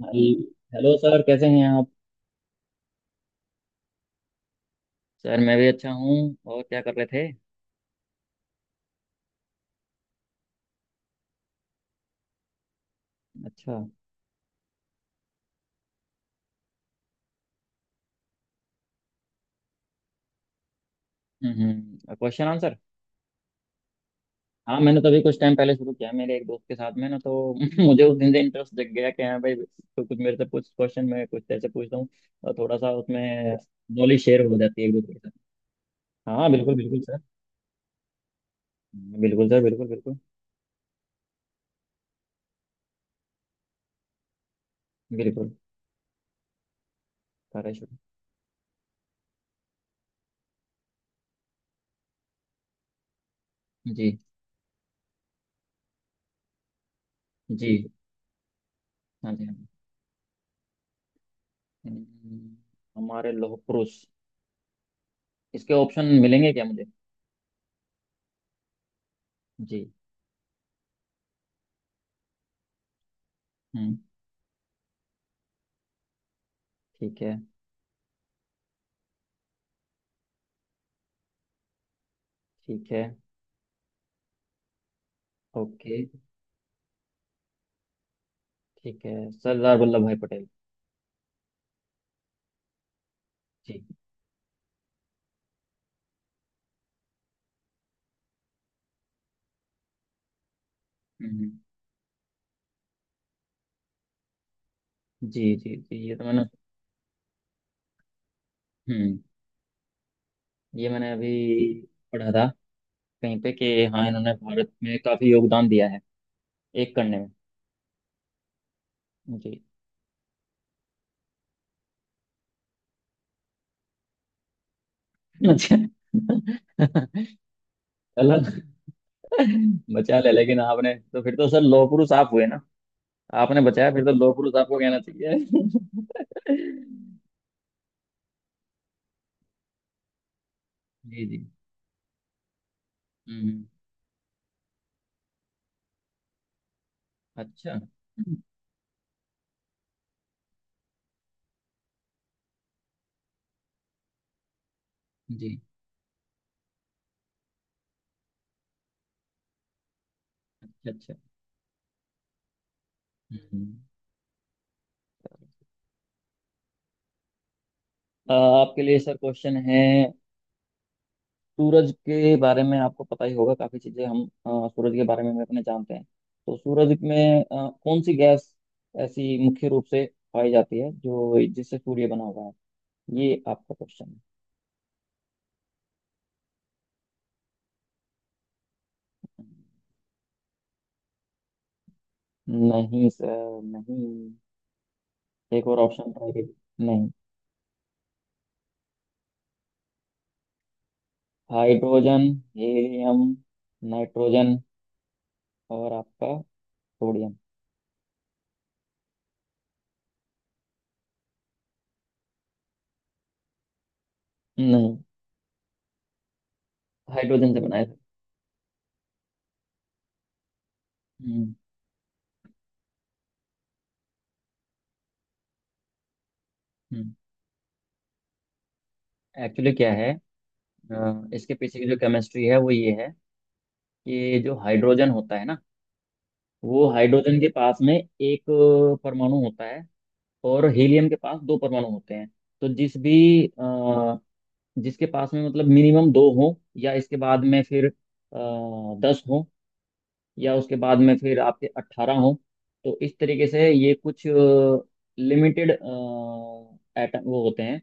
भाई। Hello sir, कैसे हैं आप? सर मैं भी अच्छा हूँ। और क्या कर रहे थे? अच्छा। हम्म, क्वेश्चन आंसर। हाँ, मैंने तभी कुछ टाइम पहले शुरू किया है मेरे एक दोस्त के साथ में ना, तो मुझे उस दिन से इंटरेस्ट जग गया कि हाँ भाई, तो कुछ मेरे से कुछ क्वेश्चन, मैं कुछ तेरे से पूछता हूँ। और थोड़ा सा उसमें नॉलेज शेयर हो जाती है एक दूसरे के साथ। हाँ बिल्कुल बिल्कुल सर। बिल्कुल सर, बिल्कुल बिल्कुल। बिल्कुल। सारा शुरू। जी जी, हाँ जी, हाँ जी। हम्म, हमारे लौह पुरुष। इसके ऑप्शन मिलेंगे क्या मुझे? जी। हम्म। ठीक है। ठीक है। ओके। ठीक है, सरदार वल्लभ भाई पटेल। जी। हम्म। जी जी जी, ये तो मैंने। हम्म, ये मैंने अभी पढ़ा था कहीं पे कि हाँ, इन्होंने भारत में काफी योगदान दिया है एक करने में। जी। अच्छा, चलो बचा ले। लेकिन आपने तो फिर तो सर लौह पुरुष आप हुए ना? आपने बचाया, फिर तो लौह पुरुष आपको कहना चाहिए। जी जी। हम्म। अच्छा। जी। अच्छा अच्छा। हम्म। आपके लिए सर क्वेश्चन है। सूरज के बारे में आपको पता ही होगा, काफी चीजें सूरज के बारे में हम अपने जानते हैं। तो सूरज में कौन सी गैस ऐसी मुख्य रूप से पाई जाती है जो जिससे सूर्य बना हुआ है? ये आपका क्वेश्चन है। नहीं सर, नहीं। एक और ऑप्शन ट्राई कीजिए। नहीं। हाइड्रोजन, हीलियम, नाइट्रोजन और आपका सोडियम। नहीं, हाइड्रोजन से बनाया था। हम्म। हम्म, एक्चुअली क्या है, इसके पीछे की जो केमिस्ट्री है वो ये है कि जो हाइड्रोजन होता है ना, वो हाइड्रोजन के पास में एक परमाणु होता है, और हीलियम के पास दो परमाणु होते हैं। तो जिसके पास में मतलब मिनिमम दो हो, या इसके बाद में फिर 10 हो, या उसके बाद में फिर आपके 18 हो। तो इस तरीके से ये कुछ लिमिटेड एटम वो होते हैं,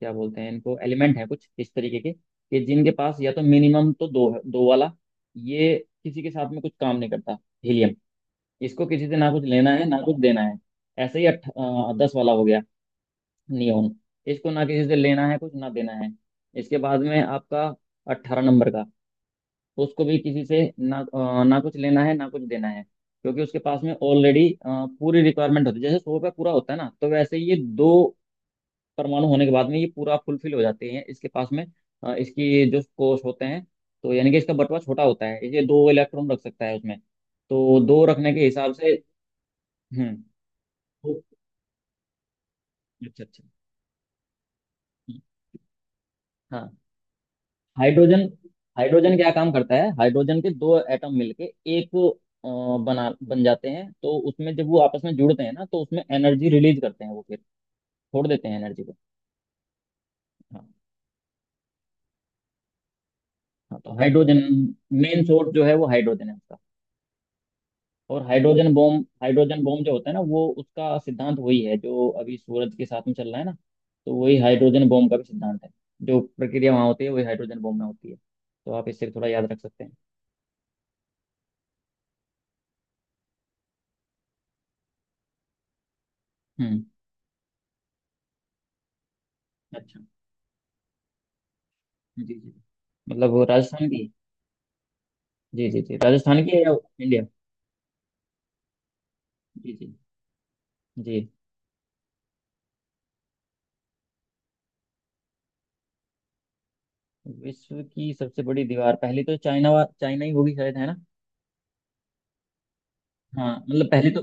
क्या बोलते हैं इनको, एलिमेंट है कुछ इस तरीके के कि जिनके पास या तो मिनिमम तो दो है। दो वाला ये किसी के साथ में कुछ काम नहीं करता, हीलियम। इसको किसी से ना कुछ लेना है ना कुछ देना है। ऐसे ही 10 वाला हो गया, नियोन। इसको ना किसी से लेना है कुछ ना देना है। इसके बाद में आपका 18 नंबर का, उसको भी किसी से ना कुछ लेना है ना कुछ देना है, क्योंकि उसके पास में ऑलरेडी पूरी रिक्वायरमेंट होती है। जैसे 100 रुपया पूरा होता है ना, तो वैसे ये दो परमाणु होने के बाद में ये पूरा फुलफिल हो जाते हैं इसके पास में। इसकी जो कोश होते हैं, तो यानी कि इसका बटवा छोटा होता है। ये दो इलेक्ट्रॉन रख सकता है उसमें, तो दो रखने के हिसाब से। हम्म, तो- अच्छा अच्छा। हम्म, हाँ हाइड्रोजन। हाइड्रोजन क्या काम करता है, हाइड्रोजन के दो एटम मिलके एक अ, बना बन जाते हैं, तो उसमें जब वो आपस में जुड़ते हैं ना, तो उसमें एनर्जी रिलीज करते हैं। वो फिर छोड़ देते हैं एनर्जी को। हाँ हाँ, तो हाइड्रोजन मेन सोर्स जो है वो हाइड्रोजन है। और हाइड्रोजन बॉम्ब, हाइड्रोजन बॉम्ब जो होता है ना, वो उसका सिद्धांत वही है जो अभी सूरज के साथ में चल रहा है ना, तो वही हाइड्रोजन बॉम्ब का भी सिद्धांत है। जो प्रक्रिया वहाँ होती है वही हाइड्रोजन बॉम्ब में होती है, तो आप इससे थोड़ा याद रख सकते हैं। हम्म। अच्छा। जी जी, मतलब वो राजस्थान की। जी जी जी, राजस्थान की है या इंडिया? जी जी जी। विश्व की सबसे बड़ी दीवार पहली तो चाइना ही होगी शायद, है ना? हाँ,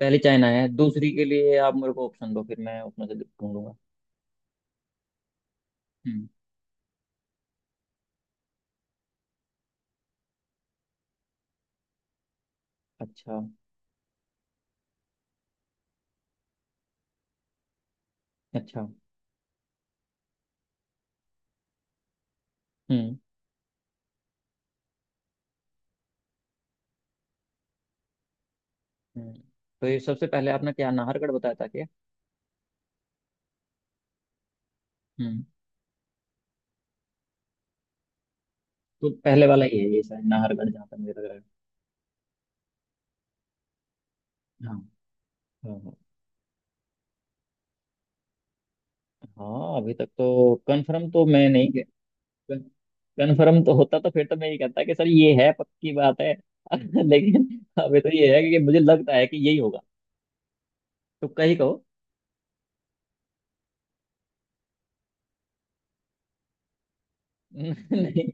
पहली चाइना है। दूसरी के लिए आप मेरे को ऑप्शन दो, फिर मैं उसमें से ढूंढूंगा। हम्म। अच्छा अच्छा। हम्म। हम्म। तो ये सबसे पहले आपने क्या नाहरगढ़ बताया था क्या? हम्म, तो पहले वाला ही है ये शायद, नाहरगढ़, जहाँ तक मुझे लग रहा है। हाँ। हाँ हाँ। हाँ, अभी तक तो कंफर्म तो मैं नहीं गया। कंफर्म तो होता तो फिर तो मैं ये कहता कि सर ये है, पक्की बात है, लेकिन अभी तो ये है कि मुझे लगता है कि यही होगा। तुक्का ही कहो। नहीं।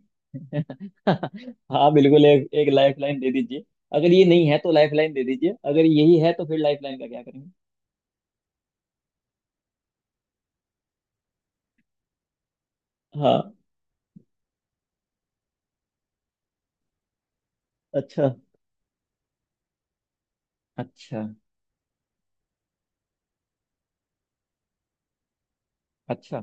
हाँ बिल्कुल, एक एक लाइफ लाइन दे दीजिए। अगर ये नहीं है तो लाइफ लाइन दे दीजिए, अगर यही है तो फिर लाइफ लाइन का क्या करेंगे? हाँ। अच्छा अच्छा अच्छा।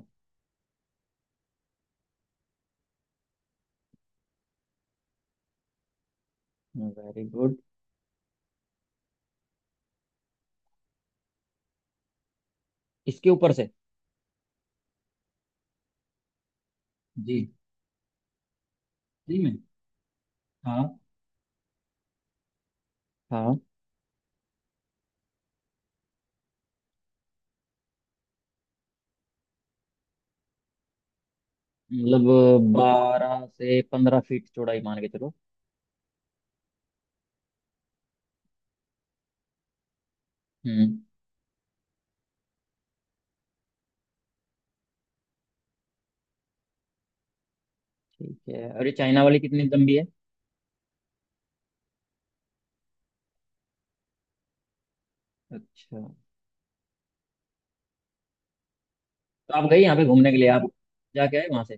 Very good. इसके ऊपर से। जी। जी में। हाँ। हाँ, मतलब 12 से 15 फीट चौड़ाई मान के चलो। हम्म। ठीक है, और ये चाइना वाली कितनी लंबी है? अच्छा, तो आप गई यहाँ पे घूमने के लिए? आप जाके आए वहां से?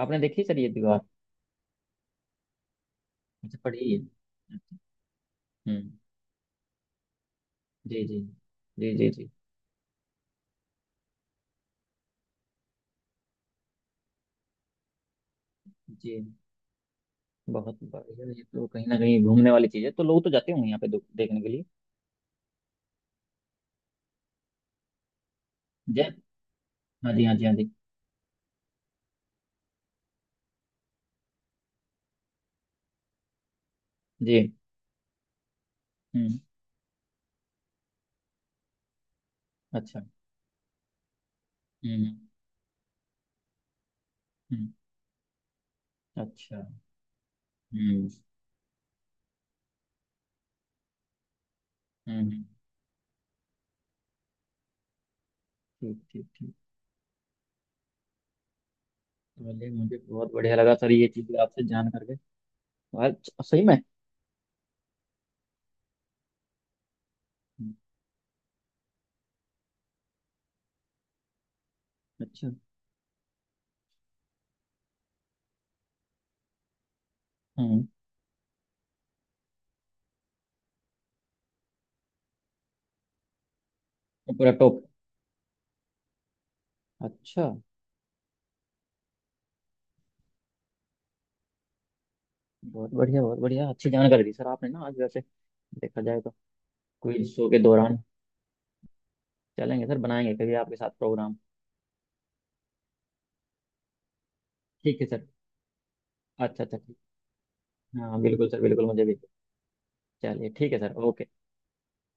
आपने देखी सर ये दीवार? अच्छा, पढ़ी है। अच्छा, हम्म। जी जी जी। जी जी जी। बहुत बढ़िया, ये तो कहीं ना कहीं घूमने वाली चीज है, तो लोग तो जाते होंगे यहाँ पे देखने के लिए। जय। हाँ जी, हाँ जी, हाँ जी। जी। हम्म। अच्छा। हम्म। हम्म, अच्छा। हम्म। हम्म। ठीक ठीक ठीक। चलिए, मुझे बहुत बढ़िया लगा सर ये चीज़ आपसे जान करके। आज सही में। हम्म, अच्छा। हम्म, ये पूरा टॉप। अच्छा। बहुत बढ़िया बहुत बढ़िया, अच्छी जानकारी दी सर आपने ना आज, वैसे देखा जाए तो क्विज शो के दौरान। चलेंगे सर, बनाएंगे कभी आपके साथ प्रोग्राम। ठीक है सर। अच्छा अच्छा ठीक। हाँ बिल्कुल सर, बिल्कुल मुझे भी। चलिए ठीक है सर, ओके।